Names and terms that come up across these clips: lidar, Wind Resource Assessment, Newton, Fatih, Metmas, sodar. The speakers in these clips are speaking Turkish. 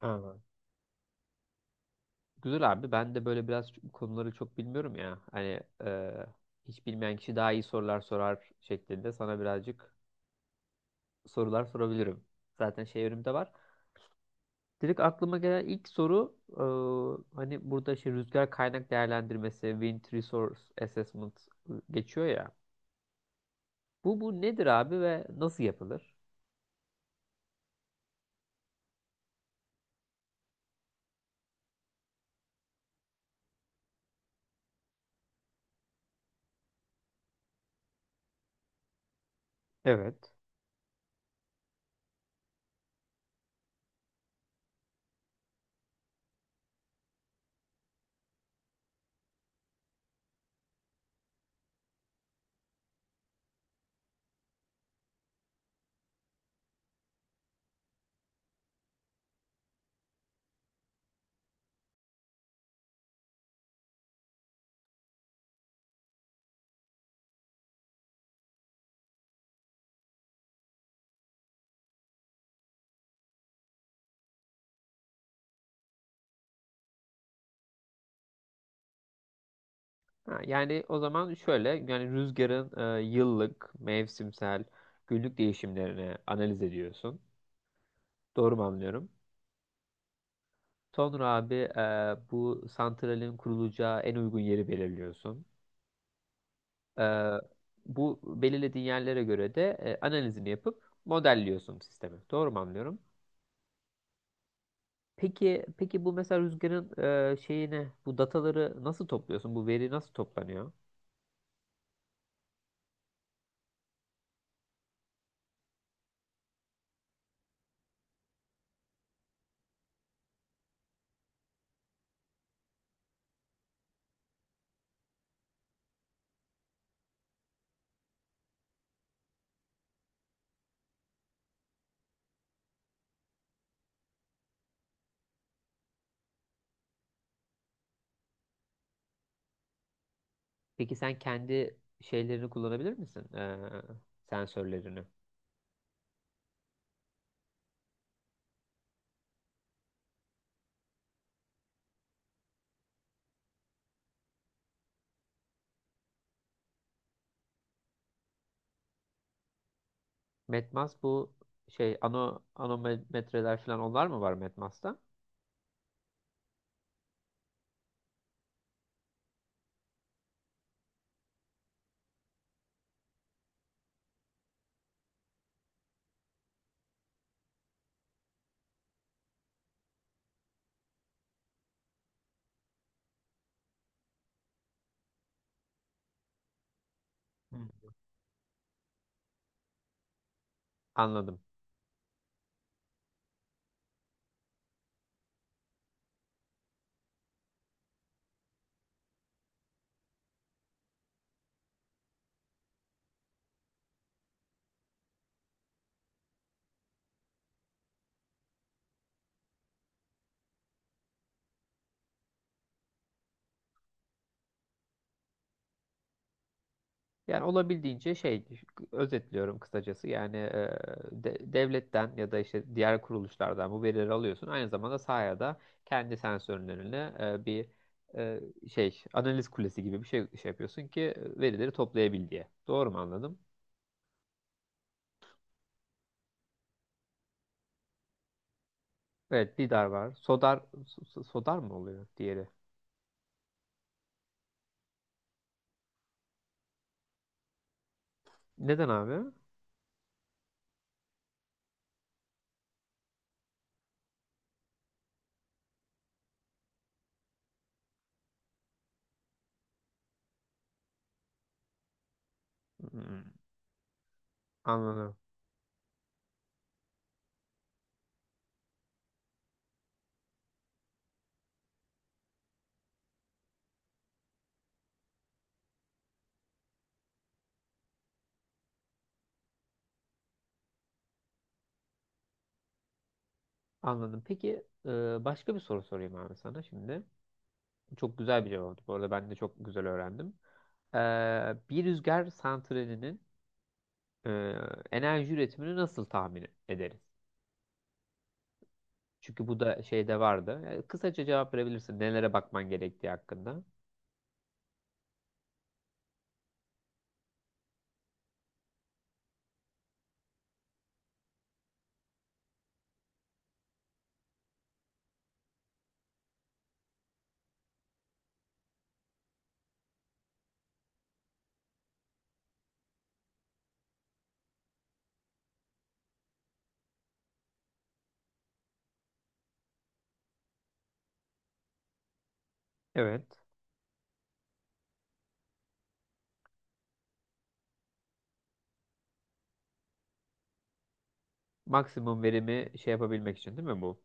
Aynen. Güzel abi. Ben de böyle biraz bu konuları çok bilmiyorum ya. Hani hiç bilmeyen kişi daha iyi sorular sorar şeklinde sana birazcık sorular sorabilirim. Zaten şey önümde var. Direkt aklıma gelen ilk soru hani burada işte rüzgar kaynak değerlendirmesi, Wind Resource Assessment geçiyor ya. Bu nedir abi ve nasıl yapılır? Evet. Ha, yani o zaman şöyle yani rüzgarın yıllık, mevsimsel, günlük değişimlerini analiz ediyorsun. Doğru mu anlıyorum? Sonra abi bu santralin kurulacağı en uygun yeri belirliyorsun. E, bu belirlediğin yerlere göre de analizini yapıp modelliyorsun sistemi. Doğru mu anlıyorum? Peki bu mesela rüzgarın şeyini bu dataları nasıl topluyorsun? Bu veri nasıl toplanıyor? Peki sen kendi şeylerini kullanabilir misin? Sensörlerini. Metmas bu şey anometreler falan onlar mı var Metmas'ta? Hı. Anladım. Yani olabildiğince şey özetliyorum kısacası yani devletten ya da işte diğer kuruluşlardan bu verileri alıyorsun. Aynı zamanda sahaya da kendi sensörlerine bir e, şey analiz kulesi gibi bir şey yapıyorsun ki verileri toplayabil diye. Doğru mu anladım? Evet lidar var. Sodar sodar mı oluyor diğeri? Neden abi? Hmm, anladım. Anladım. Peki başka bir soru sorayım abi sana şimdi. Çok güzel bir cevaptı. Bu arada ben de çok güzel öğrendim. Bir rüzgar santralinin e, enerji üretimini nasıl tahmin ederiz? Çünkü bu da şeyde vardı. Yani kısaca cevap verebilirsin. Nelere bakman gerektiği hakkında. Evet. Maksimum verimi şey yapabilmek için değil mi bu?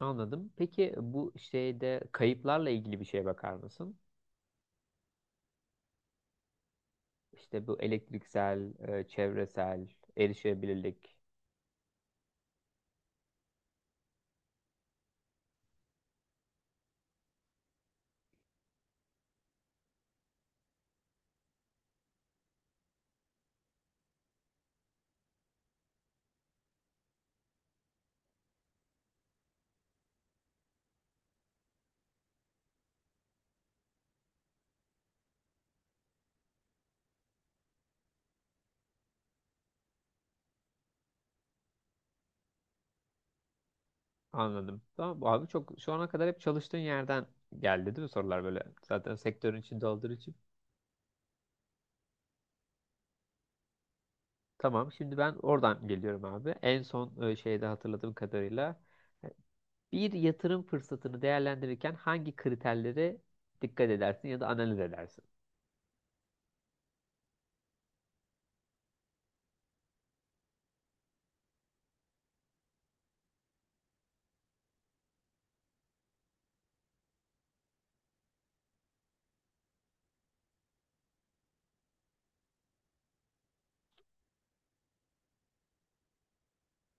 Anladım. Peki bu şeyde kayıplarla ilgili bir şeye bakar mısın? İşte bu elektriksel, çevresel, erişebilirlik. Anladım. Tamam abi çok şu ana kadar hep çalıştığın yerden geldi değil mi sorular böyle zaten sektörün içinde olduğu için. Tamam şimdi ben oradan geliyorum abi. En son şeyde hatırladığım kadarıyla e, bir yatırım fırsatını değerlendirirken hangi kriterlere dikkat edersin ya da analiz edersin?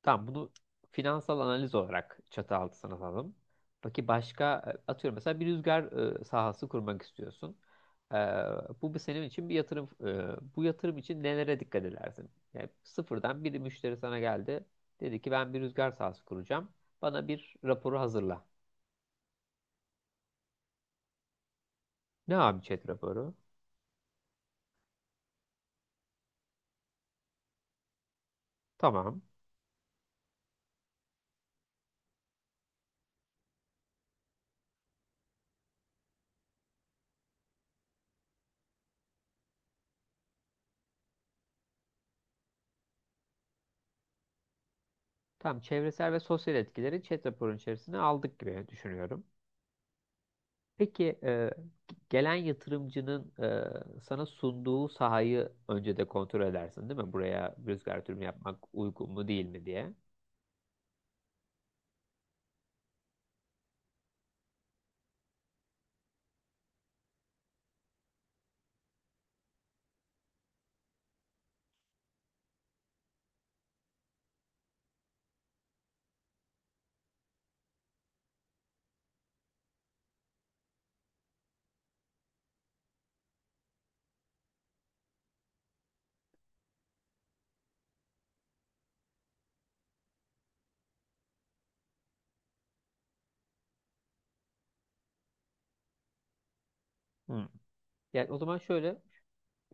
Tamam bunu finansal analiz olarak çatı altına alalım. Peki başka atıyorum mesela bir rüzgar sahası kurmak istiyorsun. E, bu bir senin için bir yatırım. Bu yatırım için nelere dikkat edersin? Yani sıfırdan bir müşteri sana geldi. Dedi ki ben bir rüzgar sahası kuracağım. Bana bir raporu hazırla. Ne abi chat raporu? Tamam. Tamam çevresel ve sosyal etkileri chat raporun içerisine aldık gibi düşünüyorum. Peki gelen yatırımcının sana sunduğu sahayı önce de kontrol edersin değil mi? Buraya rüzgar türbini yapmak uygun mu değil mi diye. Hı. Yani o zaman şöyle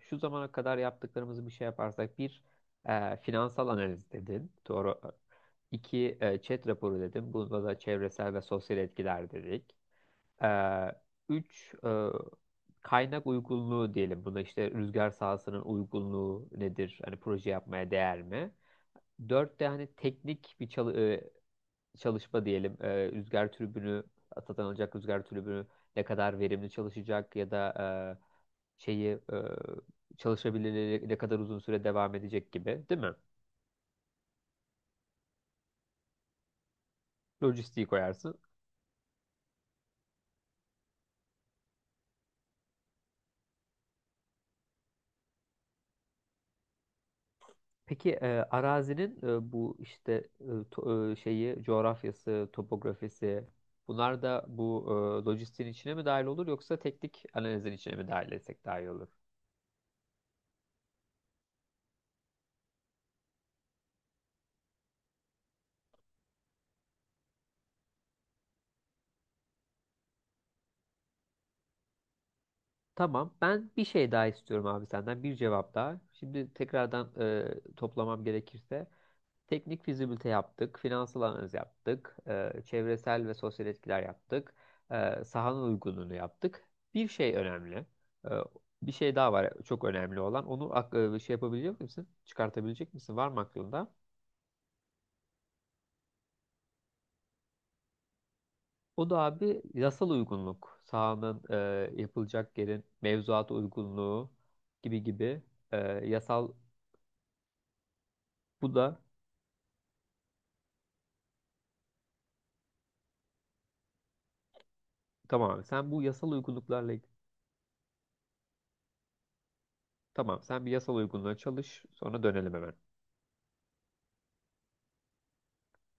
şu zamana kadar yaptıklarımızı bir şey yaparsak bir finansal analiz dedin. Doğru. İki chat raporu dedim. Bunda da çevresel ve sosyal etkiler dedik. E, üç kaynak uygunluğu diyelim. Buna işte rüzgar sahasının uygunluğu nedir? Hani proje yapmaya değer mi? Dört de hani teknik bir çalışma diyelim. E, rüzgar türbünü satın alacak rüzgar türbünü ne kadar verimli çalışacak ya da e, şeyi çalışabilirliği ne kadar uzun süre devam edecek gibi, değil mi? Lojistiği koyarsın. Peki arazinin bu işte şeyi coğrafyası, topografisi bunlar da bu lojistiğin içine mi dahil olur yoksa teknik analizin içine mi dahil etsek daha iyi olur? Tamam. Ben bir şey daha istiyorum abi senden. Bir cevap daha. Şimdi tekrardan toplamam gerekirse. Teknik fizibilite yaptık. Finansal analiz yaptık. Çevresel ve sosyal etkiler yaptık. Sahanın uygunluğunu yaptık. Bir şey önemli. E, Bir şey daha var çok önemli olan. Onu şey yapabilecek misin? Çıkartabilecek misin? Var mı aklında? O da abi yasal uygunluk. Sahanın yapılacak yerin mevzuata uygunluğu gibi gibi e, yasal bu da. Tamam abi sen bu yasal uygunluklarla tamam sen bir yasal uygunluğa çalış sonra dönelim hemen.